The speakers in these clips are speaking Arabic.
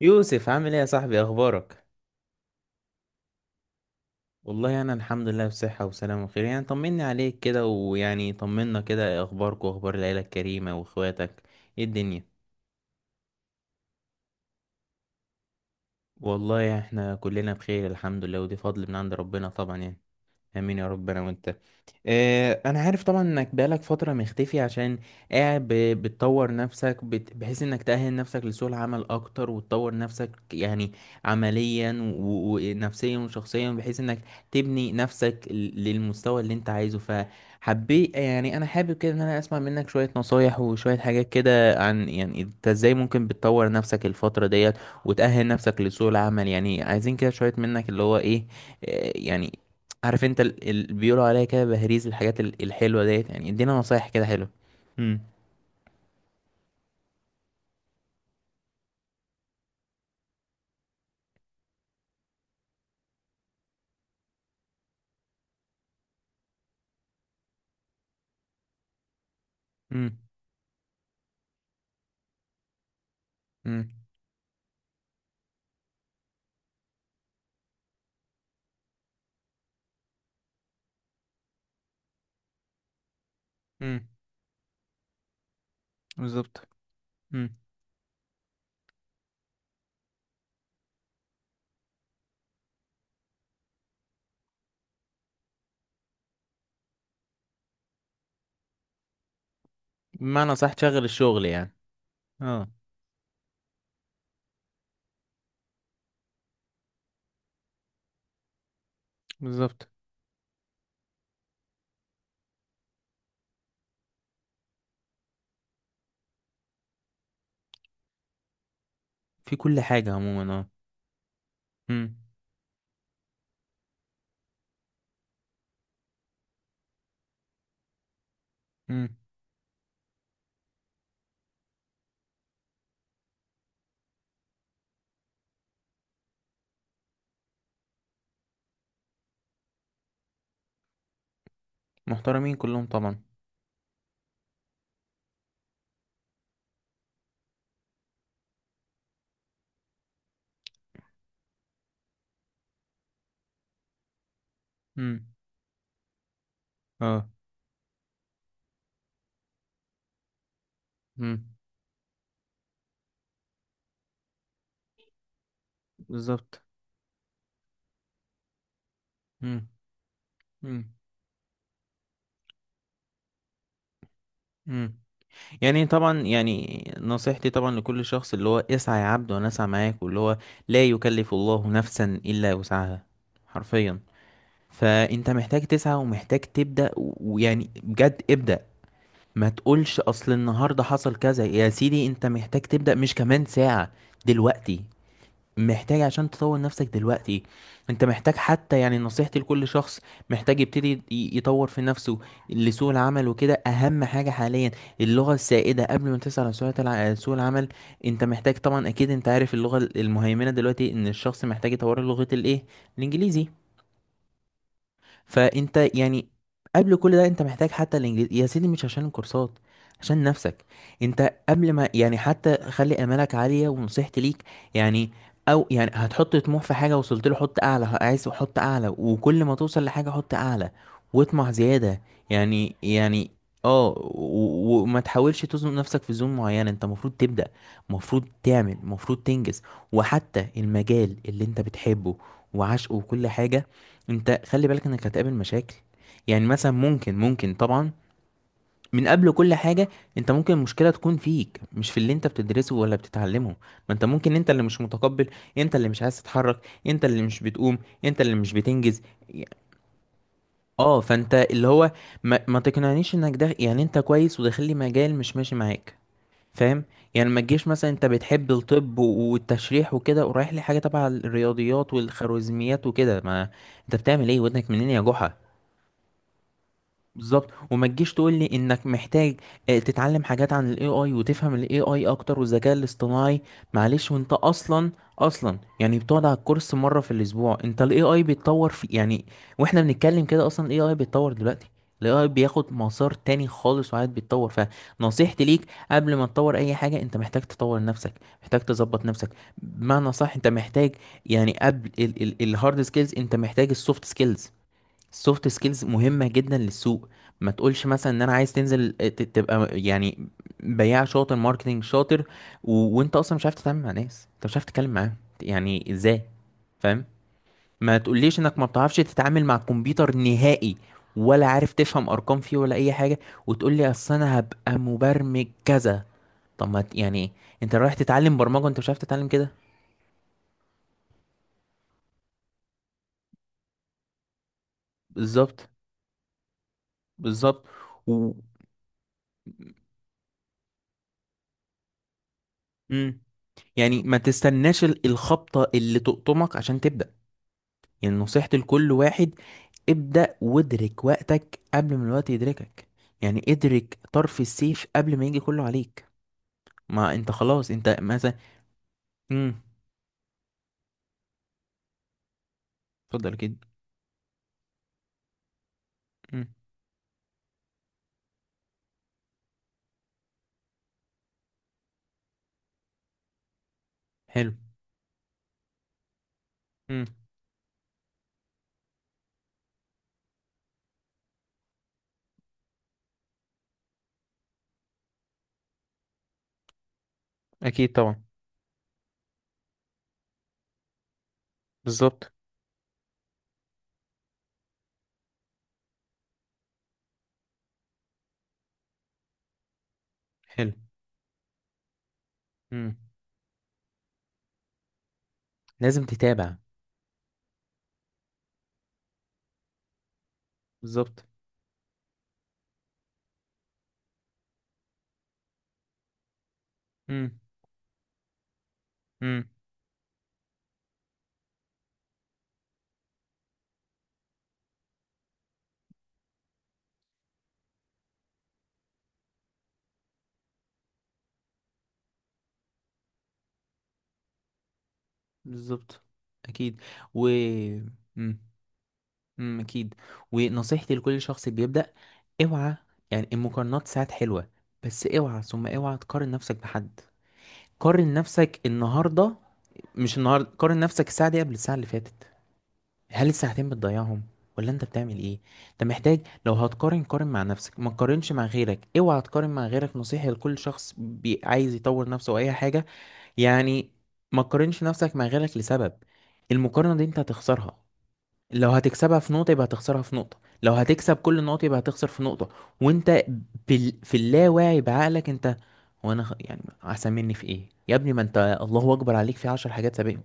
يوسف عامل ايه يا صاحبي؟ اخبارك؟ والله انا الحمد لله بصحة وسلامة وخير. يعني طمني عليك كده، ويعني طمنا كده. إيه اخبارك واخبار العيلة الكريمة واخواتك؟ ايه الدنيا؟ والله احنا كلنا بخير الحمد لله، ودي فضل من عند ربنا طبعا يعني. امين يا رب، انا وانت. انا عارف طبعا انك بقالك فترة مختفي عشان قاعد بتطور نفسك، بحيث انك تأهل نفسك لسوق العمل اكتر وتطور نفسك يعني عمليا ونفسيا وشخصيا، بحيث انك تبني نفسك للمستوى اللي انت عايزه. فحبيت يعني، انا حابب كده ان انا اسمع منك شوية نصايح وشوية حاجات كده، عن يعني انت ازاي ممكن بتطور نفسك الفترة ديت وتأهل نفسك لسوق العمل. يعني عايزين كده شوية منك، اللي هو ايه، يعني عارف انت اللي بيقولوا عليها كده بهريز، الحاجات الحلوة ديت. يعني ادينا نصايح كده حلوة. امم. امم. امم. امم. بالظبط. امم. بمعنى صح تشغل الشغل يعني. اه. بالظبط. في كل حاجة عموما اه. امم. امم. محترمين كلهم طبعا. امم. اه. مم. بالظبط. مم. مم. مم. يعني طبعا، يعني نصيحتي طبعا لكل شخص، اللي هو اسعى يا عبد وانا اسعى معاك، واللي هو لا يكلف الله نفسا الا وسعها، حرفيا. فانت محتاج تسعى ومحتاج تبدأ، ويعني بجد ابدأ. ما تقولش اصل النهارده حصل كذا يا سيدي، انت محتاج تبدأ، مش كمان ساعة، دلوقتي. محتاج عشان تطور نفسك دلوقتي. انت محتاج حتى، يعني نصيحتي لكل شخص، محتاج يبتدي يطور في نفسه لسوق العمل وكده. اهم حاجة حاليا اللغة السائدة. قبل ما تسعى على سوق سوق العمل، انت محتاج طبعا، اكيد انت عارف، اللغة المهيمنة دلوقتي، ان الشخص محتاج يطور لغة الايه، الانجليزي. فانت يعني قبل كل ده انت محتاج حتى الانجليزي، يا سيدي مش عشان الكورسات، عشان نفسك. انت قبل ما يعني حتى خلي امالك عالية، ونصيحتي ليك يعني، او يعني هتحط طموح في حاجة وصلت له، حط اعلى، عايز حط اعلى، وكل ما توصل لحاجة حط اعلى، واطمع زيادة. يعني اه وما تحاولش تزنق نفسك في زون معينة. انت المفروض تبدأ، المفروض تعمل، المفروض تنجز. وحتى المجال اللي انت بتحبه وعشقه وكل حاجة، انت خلي بالك انك هتقابل مشاكل. يعني مثلا ممكن طبعا، من قبل كل حاجة، انت ممكن المشكلة تكون فيك، مش في اللي انت بتدرسه ولا بتتعلمه. ما انت ممكن انت اللي مش متقبل، انت اللي مش عايز تتحرك، انت اللي مش بتقوم، انت اللي مش بتنجز. اه، فانت اللي هو ما تقنعنيش انك ده، يعني انت كويس وداخل لي مجال مش ماشي معاك، فاهم؟ يعني ما تجيش مثلا انت بتحب الطب والتشريح وكده، ورايح لي حاجة تبع الرياضيات والخوارزميات وكده، ما انت بتعمل ايه؟ ودنك منين يا جحا؟ بالظبط. وما تجيش تقول لي انك محتاج تتعلم حاجات عن الاي اي، وتفهم الاي اي اكتر، والذكاء الاصطناعي، معلش وانت اصلا يعني بتقعد على الكورس مره في الاسبوع؟ انت الاي اي بيتطور في، يعني واحنا بنتكلم كده اصلا الاي اي بيتطور دلوقتي، الاي اي بياخد مسار تاني خالص وقاعد بيتطور. فنصيحتي ليك، قبل ما تطور اي حاجه انت محتاج تطور نفسك، محتاج تظبط نفسك. بمعنى صح انت محتاج يعني، قبل الهارد سكيلز انت محتاج السوفت سكيلز. السوفت سكيلز مهمة جدا للسوق. ما تقولش مثلا ان انا عايز تنزل تبقى يعني بياع شاطر، ماركتنج شاطر، وانت اصلا مش عارف تتعامل مع ناس، انت مش عارف تتكلم معاهم، يعني ازاي؟ فاهم؟ ما تقوليش انك ما بتعرفش تتعامل مع الكمبيوتر نهائي، ولا عارف تفهم ارقام فيه ولا اي حاجة، وتقول لي اصل انا هبقى مبرمج كذا. طب ما ت- يعني انت رايح تتعلم برمجة وانت مش عارف تتعلم كده؟ بالظبط. بالظبط. و... مم. يعني ما تستناش الخبطة اللي تقطمك عشان تبدأ. يعني نصيحتي لكل واحد، ابدأ وادرك وقتك قبل ما الوقت يدركك. يعني ادرك طرف السيف قبل ما يجي كله عليك. ما انت خلاص، انت مثلا. امم. اتفضل كده. امم. حلو. امم. اكيد طبعا. بالظبط. حلو. امم. لازم تتابع. بالظبط. امم. امم. بالظبط. اكيد. و. امم. اكيد. ونصيحتي لكل شخص بيبدأ، اوعى. يعني المقارنات ساعات حلوة، بس اوعى ثم اوعى تقارن نفسك بحد. قارن نفسك النهاردة، مش النهاردة، قارن نفسك الساعة دي قبل الساعة اللي فاتت. هل الساعتين بتضيعهم ولا انت بتعمل ايه؟ انت محتاج، لو هتقارن قارن مع نفسك، ما تقارنش مع غيرك. اوعى تقارن مع غيرك، نصيحة لكل شخص عايز يطور نفسه واي حاجة. يعني ما تقارنش نفسك مع غيرك لسبب، المقارنة دي انت هتخسرها. لو هتكسبها في نقطة يبقى هتخسرها في نقطة، لو هتكسب كل النقط يبقى هتخسر في نقطة. وانت في اللاواعي بعقلك، انت هو انا يعني هسميني في ايه يا ابني؟ ما انت الله اكبر عليك في 10 حاجات سابقهم.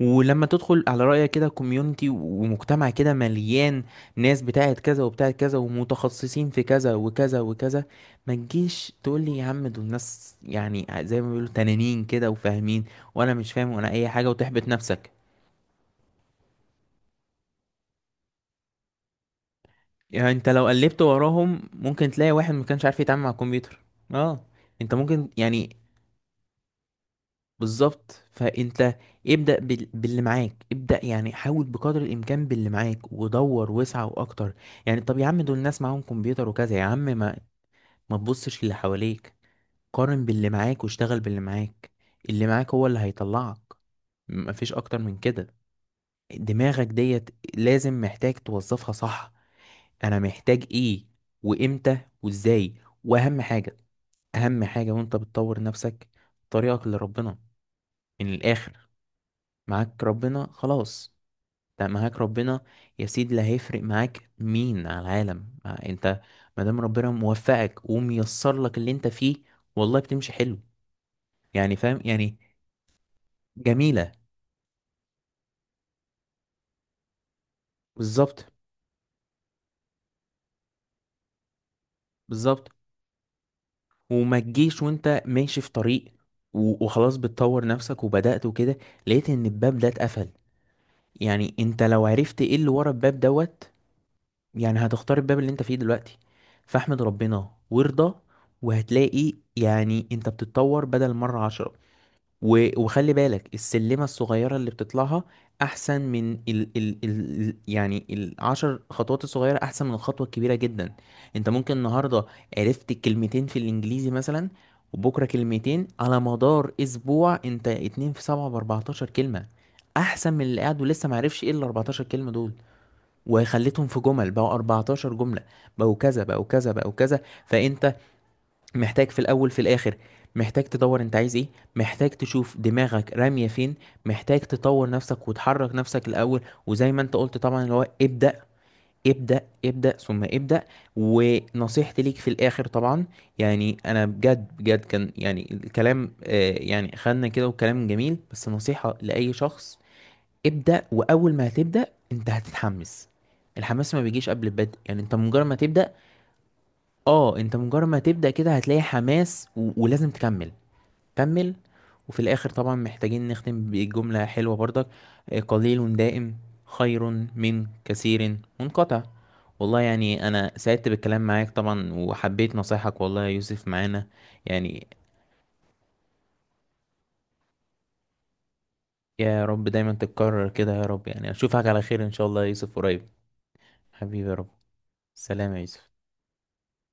ولما تدخل على رأيك كده كوميونتي ومجتمع كده مليان ناس بتاعت كذا وبتاعت كذا ومتخصصين في كذا وكذا وكذا، ما تجيش تقول لي يا عم دول ناس يعني زي ما بيقولوا تنانين كده، وفاهمين وانا مش فاهم وانا اي حاجة، وتحبط نفسك. يعني انت لو قلبت وراهم ممكن تلاقي واحد ما كانش عارف يتعامل مع الكمبيوتر. اه، انت ممكن يعني. بالظبط. فانت ابدأ باللي معاك، ابدأ يعني حاول بقدر الامكان باللي معاك، ودور وسع واكتر. يعني طب يا عم دول الناس معاهم كمبيوتر وكذا يا عم، ما ما تبصش اللي حواليك، قارن باللي معاك واشتغل باللي معاك. اللي معاك هو اللي هيطلعك، مفيش اكتر من كده. دماغك ديت لازم محتاج توظفها صح. انا محتاج ايه، وامتى، وازاي؟ واهم حاجه، اهم حاجه وانت بتطور نفسك، طريقك لربنا. من الاخر، معاك ربنا خلاص. ده معاك ربنا يا سيدي، لا هيفرق معاك مين على العالم. انت مادام ربنا موفقك وميسر لك اللي انت فيه، والله بتمشي حلو. يعني فاهم يعني. جميله. بالظبط. بالظبط. وما تجيش وانت ماشي في طريق وخلاص بتطور نفسك وبدأت وكده، لقيت ان الباب ده اتقفل. يعني انت لو عرفت ايه اللي ورا الباب دوت، يعني هتختار الباب اللي انت فيه دلوقتي. فاحمد ربنا وارضى. وهتلاقي يعني انت بتتطور بدل مرة 10. وخلي بالك، السلمة الصغيرة اللي بتطلعها أحسن من ال يعني ال 10 خطوات. الصغيرة أحسن من الخطوة الكبيرة جدا. أنت ممكن النهاردة عرفت كلمتين في الإنجليزي مثلا، وبكرة كلمتين، على مدار أسبوع أنت 2 في 7 ب 14 كلمة، أحسن من اللي قاعد ولسه معرفش إيه ال 14 كلمة دول. وخليتهم في جمل بقوا 14 جملة، بقوا كذا بقوا كذا بقوا كذا. فأنت محتاج في الأول في الآخر، محتاج تدوّر أنت عايز إيه، محتاج تشوف دماغك رامية فين، محتاج تطوّر نفسك وتحرّك نفسك الأول، وزي ما أنت قُلت طبعًا اللي هو ابدأ، ابدأ، ابدأ، ثم ابدأ. ونصيحتي ليك في الآخر طبعًا، يعني أنا بجد، بجد كان يعني الكلام، يعني خدنا كده وكلام جميل، بس نصيحة لأي شخص، ابدأ. وأول ما هتبدأ أنت هتتحمّس، الحماس ما بيجيش قبل البدء، يعني أنت مجرّد ما تبدأ. اه انت مجرد ما تبدأ كده هتلاقي حماس، ولازم تكمل. كمل. وفي الاخر طبعا محتاجين نختم بجملة حلوة برضك، قليل دائم خير من كثير منقطع. والله يعني انا سعدت بالكلام معاك طبعا، وحبيت نصايحك والله يا يوسف معانا يعني. يا رب دايما تتكرر كده يا رب، يعني اشوفك على خير ان شاء الله يا يوسف قريب. حبيبي يا رب. سلام يا يوسف.